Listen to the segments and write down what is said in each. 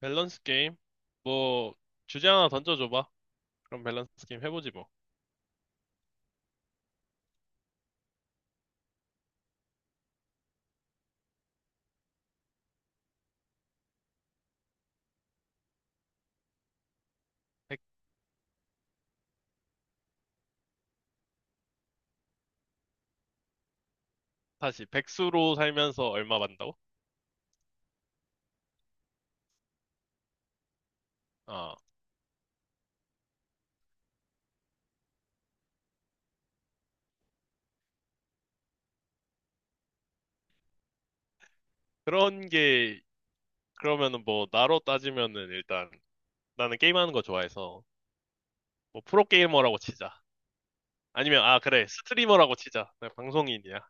밸런스 게임? 뭐, 주제 하나 던져줘봐. 그럼 밸런스 게임 해보지 뭐. 백, 다시, 백수로 살면서 얼마 받는다고? 아, 그런 게, 그러면은 뭐, 나로 따지면은 일단, 나는 게임하는 거 좋아해서, 뭐, 프로게이머라고 치자. 아니면, 아, 그래, 스트리머라고 치자. 내가 방송인이야.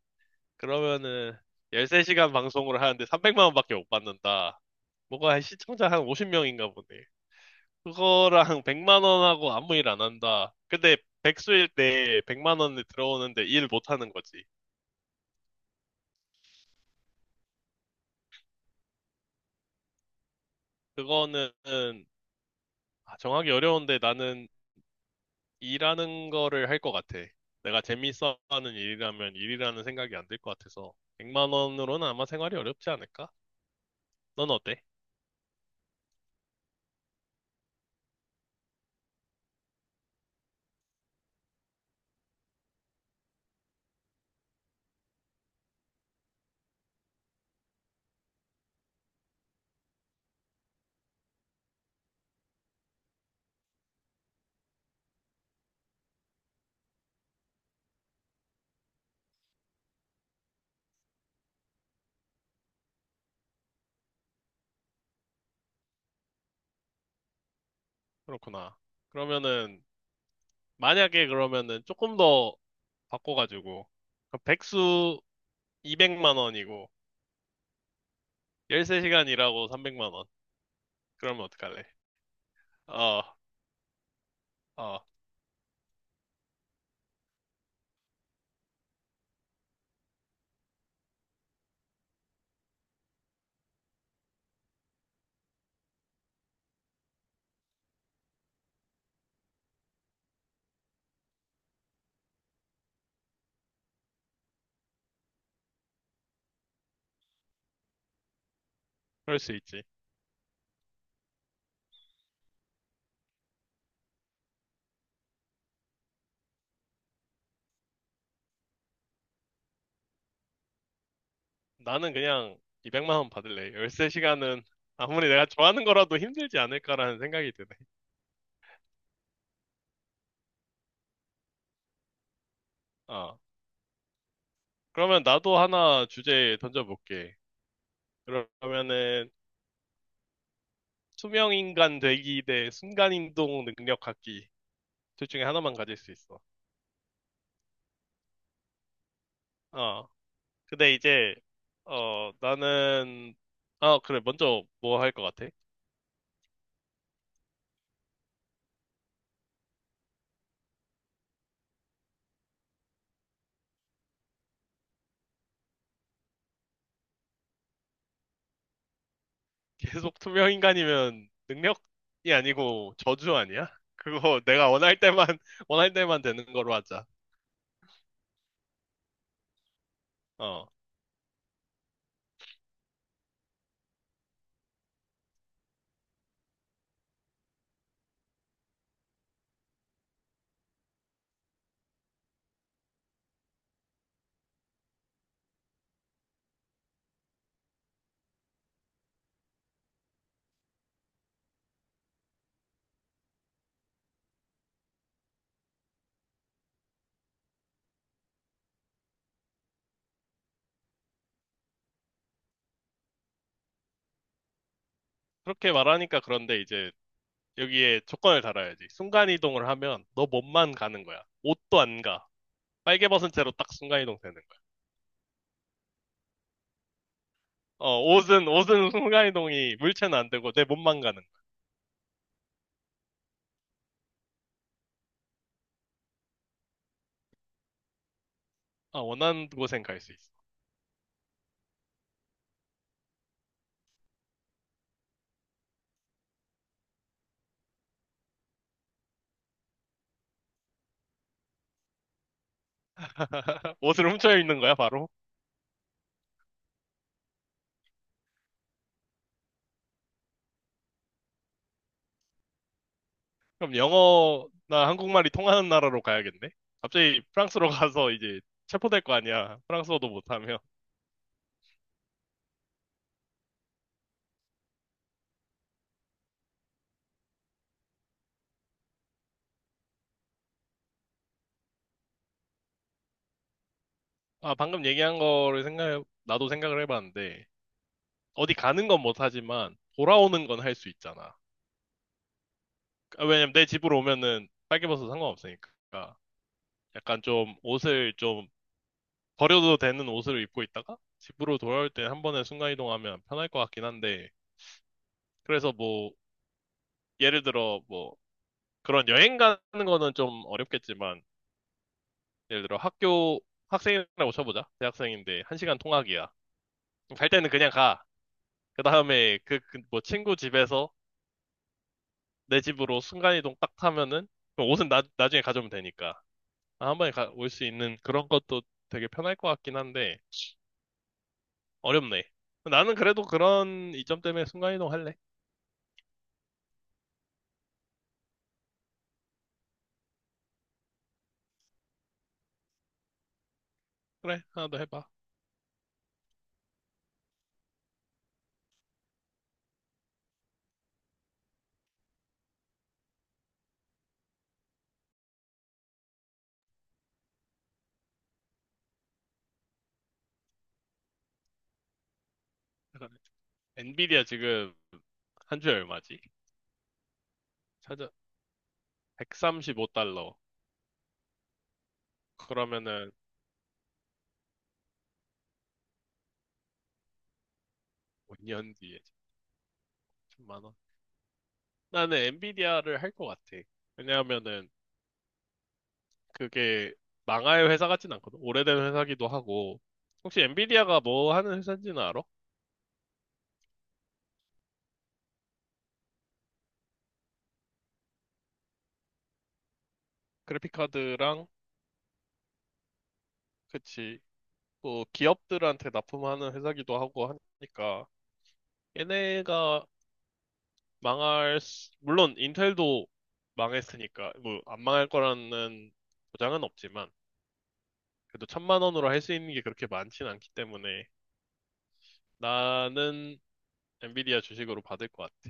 그러면은, 13시간 방송을 하는데 300만 원밖에 못 받는다. 뭐가 한 시청자 한 50명인가 보네. 그거랑 백만 원하고 아무 일 안 한다. 근데 백수일 때 백만 원이 들어오는데 일 못 하는 거지. 그거는 아, 정하기 어려운데 나는 일하는 거를 할 것 같아. 내가 재밌어 하는 일이라면 일이라는 생각이 안 들 것 같아서 백만 원으로는 아마 생활이 어렵지 않을까? 넌 어때? 그렇구나. 그러면은 만약에 그러면은 조금 더 바꿔가지고 그럼 백수 200만 원이고 13시간 일하고 300만 원. 그러면 어떡할래? 어, 아, 그럴 수 있지. 나는 그냥 200만 원 받을래. 13시간은 아무리 내가 좋아하는 거라도 힘들지 않을까라는 생각이 드네. 어. 그러면 나도 하나 주제 던져볼게. 그러면은 투명인간 되기 대 순간이동 능력 갖기. 둘 중에 하나만 가질 수 있어. 어. 근데 이제, 어, 나는, 아, 그래. 먼저 뭐 할 것 같아? 계속 투명 인간이면 능력이 아니고 저주 아니야? 그거 내가 원할 때만, 원할 때만 되는 거로 하자. 어. 그렇게 말하니까 그런데 이제 여기에 조건을 달아야지. 순간이동을 하면 너 몸만 가는 거야. 옷도 안 가. 빨개 벗은 채로 딱 순간이동 되는 거야. 어, 옷은 순간이동이 물체는 안 되고 내 몸만 가는 거야. 아, 원하는 곳엔 갈 수 있어. 옷을 훔쳐 입는 거야, 바로? 그럼 영어나 한국말이 통하는 나라로 가야겠네? 갑자기 프랑스로 가서 이제 체포될 거 아니야. 프랑스어도 못하면. 아, 방금 얘기한 거를 생각, 나도 생각을 해봤는데, 어디 가는 건 못하지만, 돌아오는 건 할 수 있잖아. 아, 왜냐면 내 집으로 오면은 빨개 벗어도 상관없으니까. 약간 좀 옷을 좀 버려도 되는 옷을 입고 있다가, 집으로 돌아올 때 한 번에 순간이동하면 편할 것 같긴 한데, 그래서 뭐, 예를 들어 뭐, 그런 여행 가는 거는 좀 어렵겠지만, 예를 들어 학교 학생이라고 쳐보자. 대학생인데 1시간 통학이야. 갈 때는 그냥 가. 그 다음에 그 뭐 친구 집에서 내 집으로 순간이동 딱 타면은 그 옷은 나중에 가져오면 되니까. 아, 한 번에 올 수 있는 그런 것도 되게 편할 것 같긴 한데 어렵네. 나는 그래도 그런 이점 때문에 순간이동 할래. 그래, 하나 더 해봐. 그러네. 엔비디아 지금 한 주에 얼마지? 찾아 135달러. 그러면은 5년 뒤에 10만 원. 나는 엔비디아를 할 것 같아. 왜냐하면은 그게 망할 회사 같진 않거든. 오래된 회사기도 하고. 혹시 엔비디아가 뭐 하는 회사인지는 알아? 그래픽카드랑 그치. 또 기업들한테 납품하는 회사기도 하고 하니까 얘네가 물론 인텔도 망했으니까 뭐 안 망할 거라는 보장은 없지만 그래도 천만 원으로 할 수 있는 게 그렇게 많진 않기 때문에 나는 엔비디아 주식으로 받을 것 같아.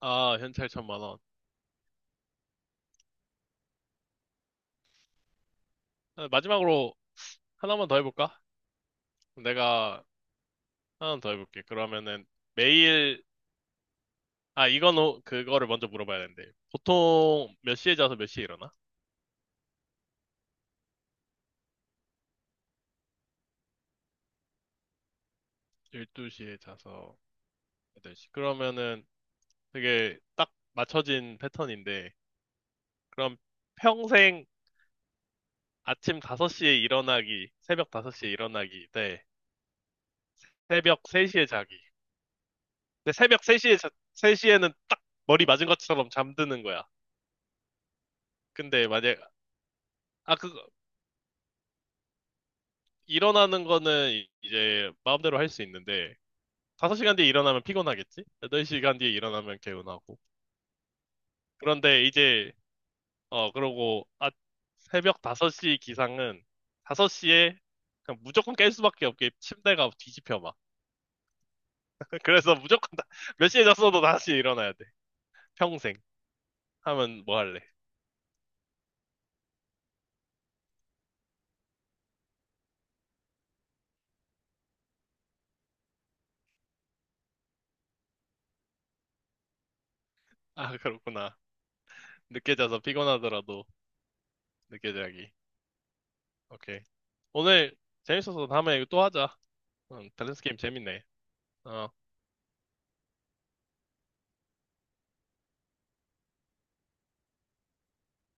아, 현찰 1,000만 원. 아, 마지막으로 하나만 더 해볼까? 내가 하나 더 해볼게. 그러면은 매일, 아, 이건, 그거를 먼저 물어봐야 되는데. 보통 몇 시에 자서 몇 시에 일어나? 12시에 자서 8시. 그러면은 되게 딱 맞춰진 패턴인데. 그럼 평생 아침 5시에 일어나기, 새벽 5시에 일어나기, 대 새벽 3시에 자기. 근데 새벽 3시에, 자, 3시에는 딱 머리 맞은 것처럼 잠드는 거야. 근데 만약, 아, 그, 일어나는 거는 이제 마음대로 할 수 있는데, 5시간 뒤에 일어나면 피곤하겠지? 8시간 뒤에 일어나면 개운하고. 그런데 이제, 어, 그러고, 아, 새벽 5시 기상은 5시에 그냥 무조건 깰 수밖에 없게 침대가 뒤집혀 막. 그래서 무조건 몇 시에 잤어도 5시에 일어나야 돼. 평생. 하면 뭐 할래? 아, 그렇구나. 늦게 자서 피곤하더라도 늦게 자기. 오케이. 오늘 재밌어서 다음에 이거 또 하자. 밸런스 게임 재밌네. 어.